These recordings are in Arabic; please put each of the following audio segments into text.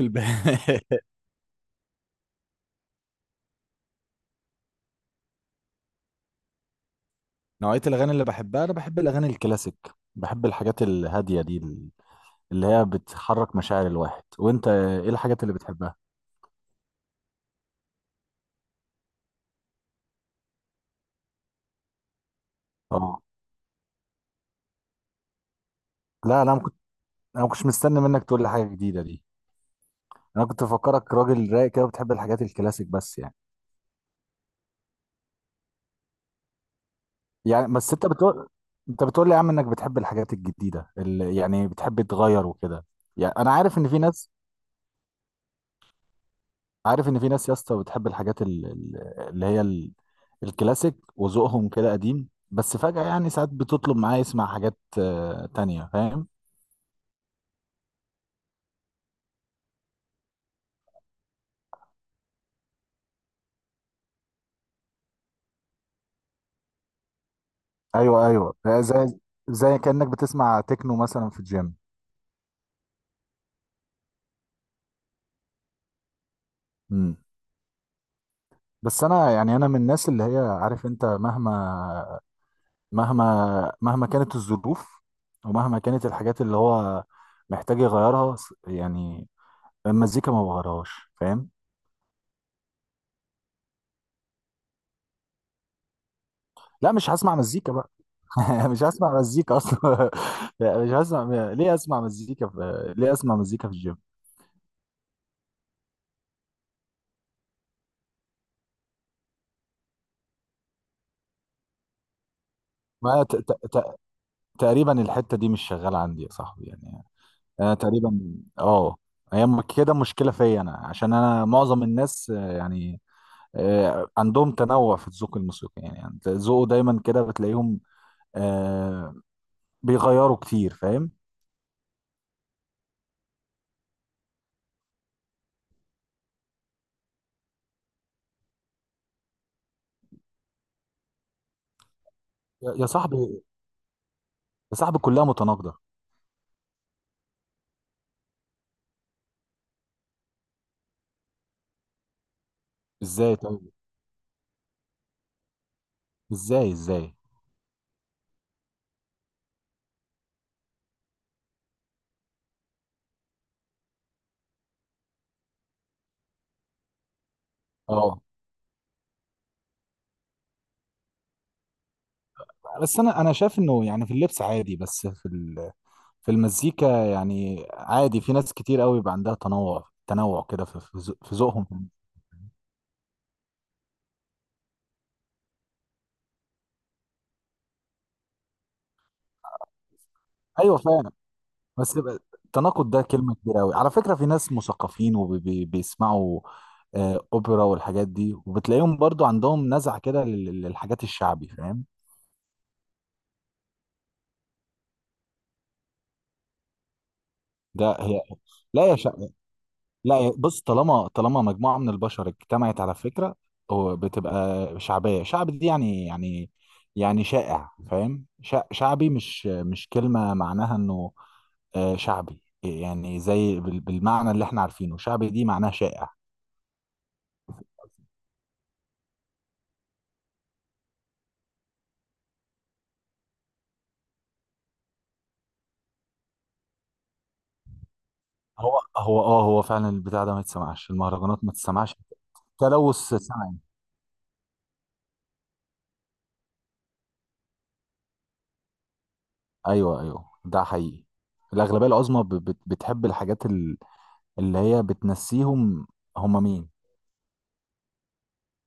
الب... نوعية الأغاني اللي بحبها أنا بحب الأغاني الكلاسيك. بحب الحاجات الهادية دي اللي هي بتحرك مشاعر الواحد، وأنت إيه الحاجات اللي بتحبها؟ أه، لا أنا ما كنتش مستني منك تقول لي حاجة جديدة دي. أنا كنت بفكرك راجل رايق كده وبتحب الحاجات الكلاسيك بس يعني. يعني بس أنت بتقول، أنت بتقول لي يا عم إنك بتحب الحاجات الجديدة اللي يعني بتحب تغير وكده. يعني أنا عارف إن في ناس، عارف ان في ناس يا اسطى بتحب الحاجات اللي هي ال- الكلاسيك وذوقهم كده قديم، بس فجأة يعني ساعات بتطلب معاه يسمع حاجات تانية، فاهم. ايوه ايوه، زي، زي كانك بتسمع تكنو مثلا في الجيم. مم. بس انا يعني انا من الناس اللي هي، عارف انت، مهما مهما كانت الظروف، ومهما كانت الحاجات اللي هو محتاج يغيرها، يعني المزيكا ما بغيرهاش، فاهم. لا مش هسمع مزيكا بقى. مش هسمع مزيكا اصلا. مش هسمع. ليه اسمع مزيكا ليه اسمع مزيكا في الجيم؟ ما ت... ت... ت... تقريبا الحته دي مش شغاله عندي يا صاحبي يعني. انا تقريبا، اه، هي كده مشكله فيا انا، عشان انا معظم الناس يعني عندهم تنوع في الذوق الموسيقي، يعني أنت ذوقه دايما كده، بتلاقيهم آه، بيغيروا كتير، فاهم. يا صاحبي، يا صاحبي كلها متناقضه. ازاي طيب؟ ازاي؟ اه، بس انا شايف انه يعني في اللبس عادي، بس في في المزيكا، يعني عادي في ناس كتير قوي بيبقى عندها تنوع، تنوع كده في في ذوقهم. ايوه فعلا. بس يبقى التناقض ده كلمه كبيره قوي على فكره. في ناس مثقفين وبيسمعوا اوبرا والحاجات دي، وبتلاقيهم برضو عندهم نزعه كده للحاجات الشعبي، فاهم. ده هي، لا يا شعب، لا بص، طالما مجموعة من البشر اجتمعت على فكرة، هو بتبقى شعبية. شعب دي يعني، يعني يعني شائع، فاهم. شعبي مش كلمة معناها انه شعبي، يعني زي بالمعنى اللي احنا عارفينه، شعبي دي معناها شائع. هو فعلا البتاع ده ما يتسمعش، المهرجانات ما تسمعش، تلوث سمعي. ايوه ايوه، ده حقيقي. الأغلبية العظمى بتحب الحاجات اللي هي بتنسيهم، هم مين؟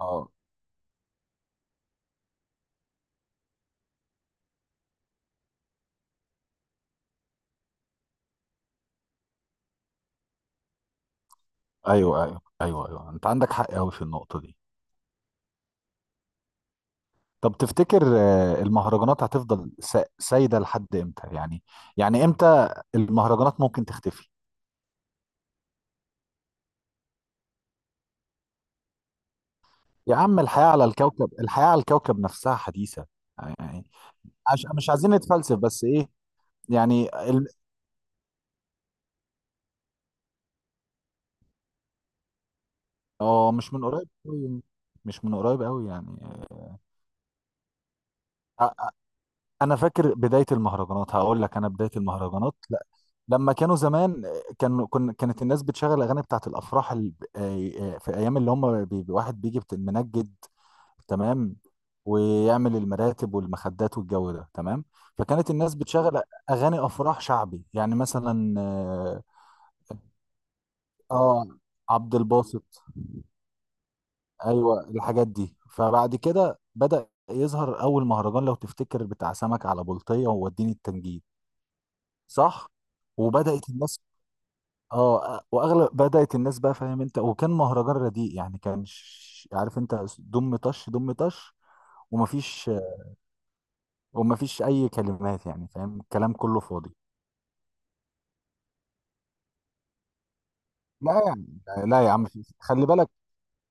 اه. ايوه ايوه ايوه ايوه، انت عندك حق قوي في النقطه دي. طب تفتكر المهرجانات هتفضل سايده لحد امتى يعني؟ يعني امتى المهرجانات ممكن تختفي؟ يا عم الحياه على الكوكب، الحياه على الكوكب نفسها حديثه يعني. عش مش عايزين نتفلسف، بس ايه، يعني اه، مش من قريب قوي، مش من قريب قوي يعني. آه، انا فاكر بدايه المهرجانات، هقول لك انا بدايه المهرجانات لما كانوا زمان، كانوا كن كانت الناس بتشغل الاغاني بتاعت الافراح في ايام اللي هم واحد بيجي منجد، تمام، ويعمل المراتب والمخدات والجو ده، تمام. فكانت الناس بتشغل اغاني افراح شعبي، يعني مثلا اه، آه، عبد الباسط. ايوه الحاجات دي. فبعد كده بدأ يظهر اول مهرجان، لو تفتكر، بتاع سمك على بلطية ووديني التنجيد. صح. وبدأت الناس، اه، واغلب بدات الناس بقى، فاهم انت، وكان مهرجان رديء يعني، كان عارف انت، دم طش دم طش، ومفيش ومفيش اي كلمات، يعني فاهم، الكلام كله فاضي. لا يعني، لا يا عم، في خلي بالك،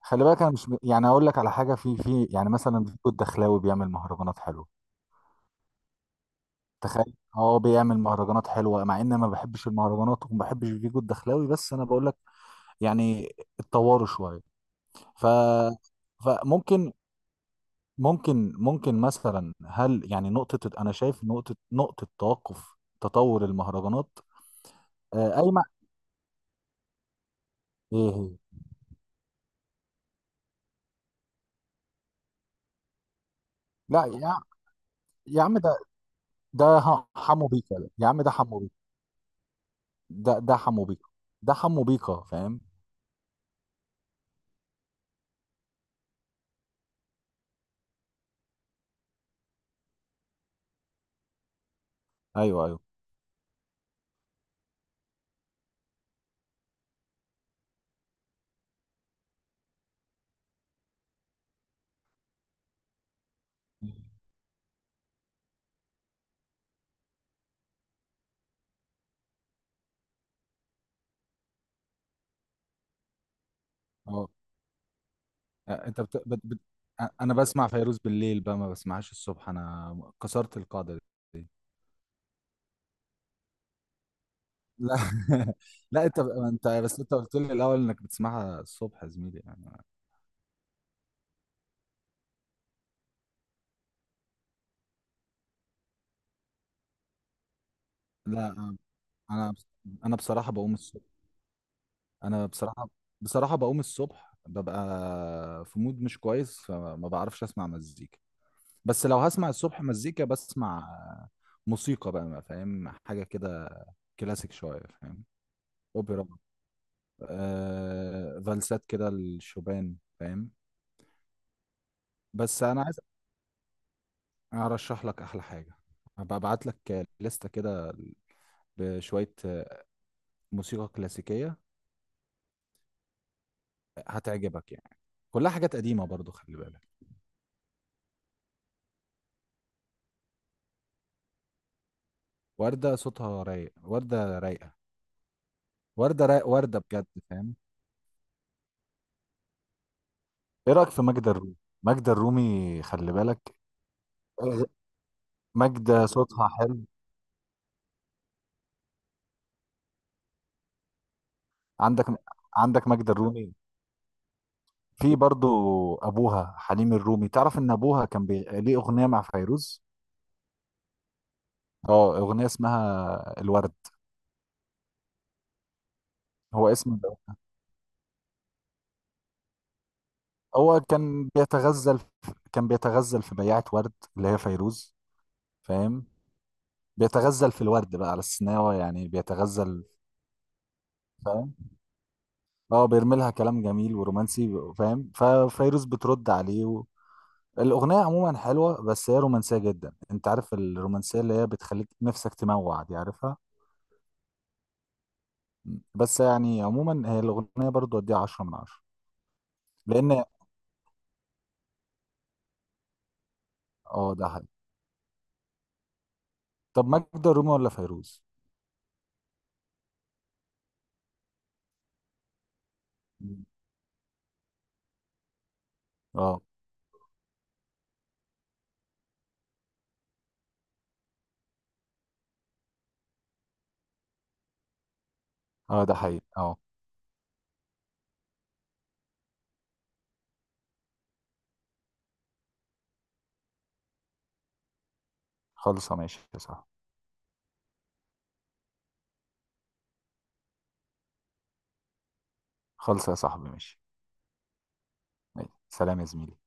خلي بالك انا مش يعني اقول لك على حاجه، في يعني مثلا فيكو الدخلاوي بيعمل مهرجانات حلوه. تخيل، اه بيعمل مهرجانات حلوه، مع ان ما بحبش المهرجانات وما بحبش فيجو الدخلاوي، بس انا بقول لك يعني اتطوروا شويه. ف، فممكن ممكن مثلا، هل يعني نقطة، أنا شايف نقطة، نقطة توقف تطور المهرجانات قايمة، إيه هي؟ لا يا، يا عم ده، حمو بيكا ده. يا عم ده حمو بيكا، ده حمو بيكا، ده حمو بيكا، فاهم؟ أيوه أيوه. أه، آه، أنت بت... بت... بت... آه، أنا بسمع فيروز بالليل بقى، ما بسمعهاش الصبح، أنا كسرت القاعدة دي. لا لا انت بس انت قلت لي الاول انك بتسمعها الصبح يا زميلي يعني. لا انا انا بصراحه بقوم الصبح، انا بصراحه، بصراحه بقوم الصبح، ببقى في مود مش كويس، فما بعرفش اسمع مزيكا. بس لو هسمع الصبح مزيكا، بسمع موسيقى بقى، ما فاهم حاجه كده، كلاسيك شويه، فاهم، اوبرا، آه، فالسات كده، الشوبان، فاهم. بس انا عايز ارشح لك احلى حاجه، هبقى ابعت لك لستة كده بشويه موسيقى كلاسيكيه هتعجبك يعني، كلها حاجات قديمه برضو، خلي بالك. وردة صوتها رايق، وردة رايقة، وردة رايق، وردة بجد، فاهم. ايه رأيك في ماجدة الرومي؟ ماجدة الرومي، خلي بالك، ماجدة صوتها حلو. عندك، عندك ماجدة الرومي، في برضو ابوها حليم الرومي، تعرف ان ابوها كان ليه اغنية مع فيروز؟ اه اغنية اسمها الورد. هو اسم، هو كان كان بيتغزل في بياعة ورد اللي هي فيروز، فاهم، بيتغزل في الورد بقى على السناوة يعني بيتغزل، اه، بيرمي لها كلام جميل ورومانسي، فاهم. ففيروز بترد عليه و... الاغنيه عموما حلوه، بس هي رومانسيه جدا، انت عارف الرومانسيه اللي هي بتخليك نفسك تموع دي، عارفها. بس يعني عموما هي الاغنيه برضو اديها 10 من 10، لان اه ده حقيقي. طب ماجدة الرومي ولا فيروز؟ اه اه، ده حقيقي اه. خلصه ماشي يا صاحبي، خلصه يا صاحبي، ماشي. ماشي. سلام يا زميلي.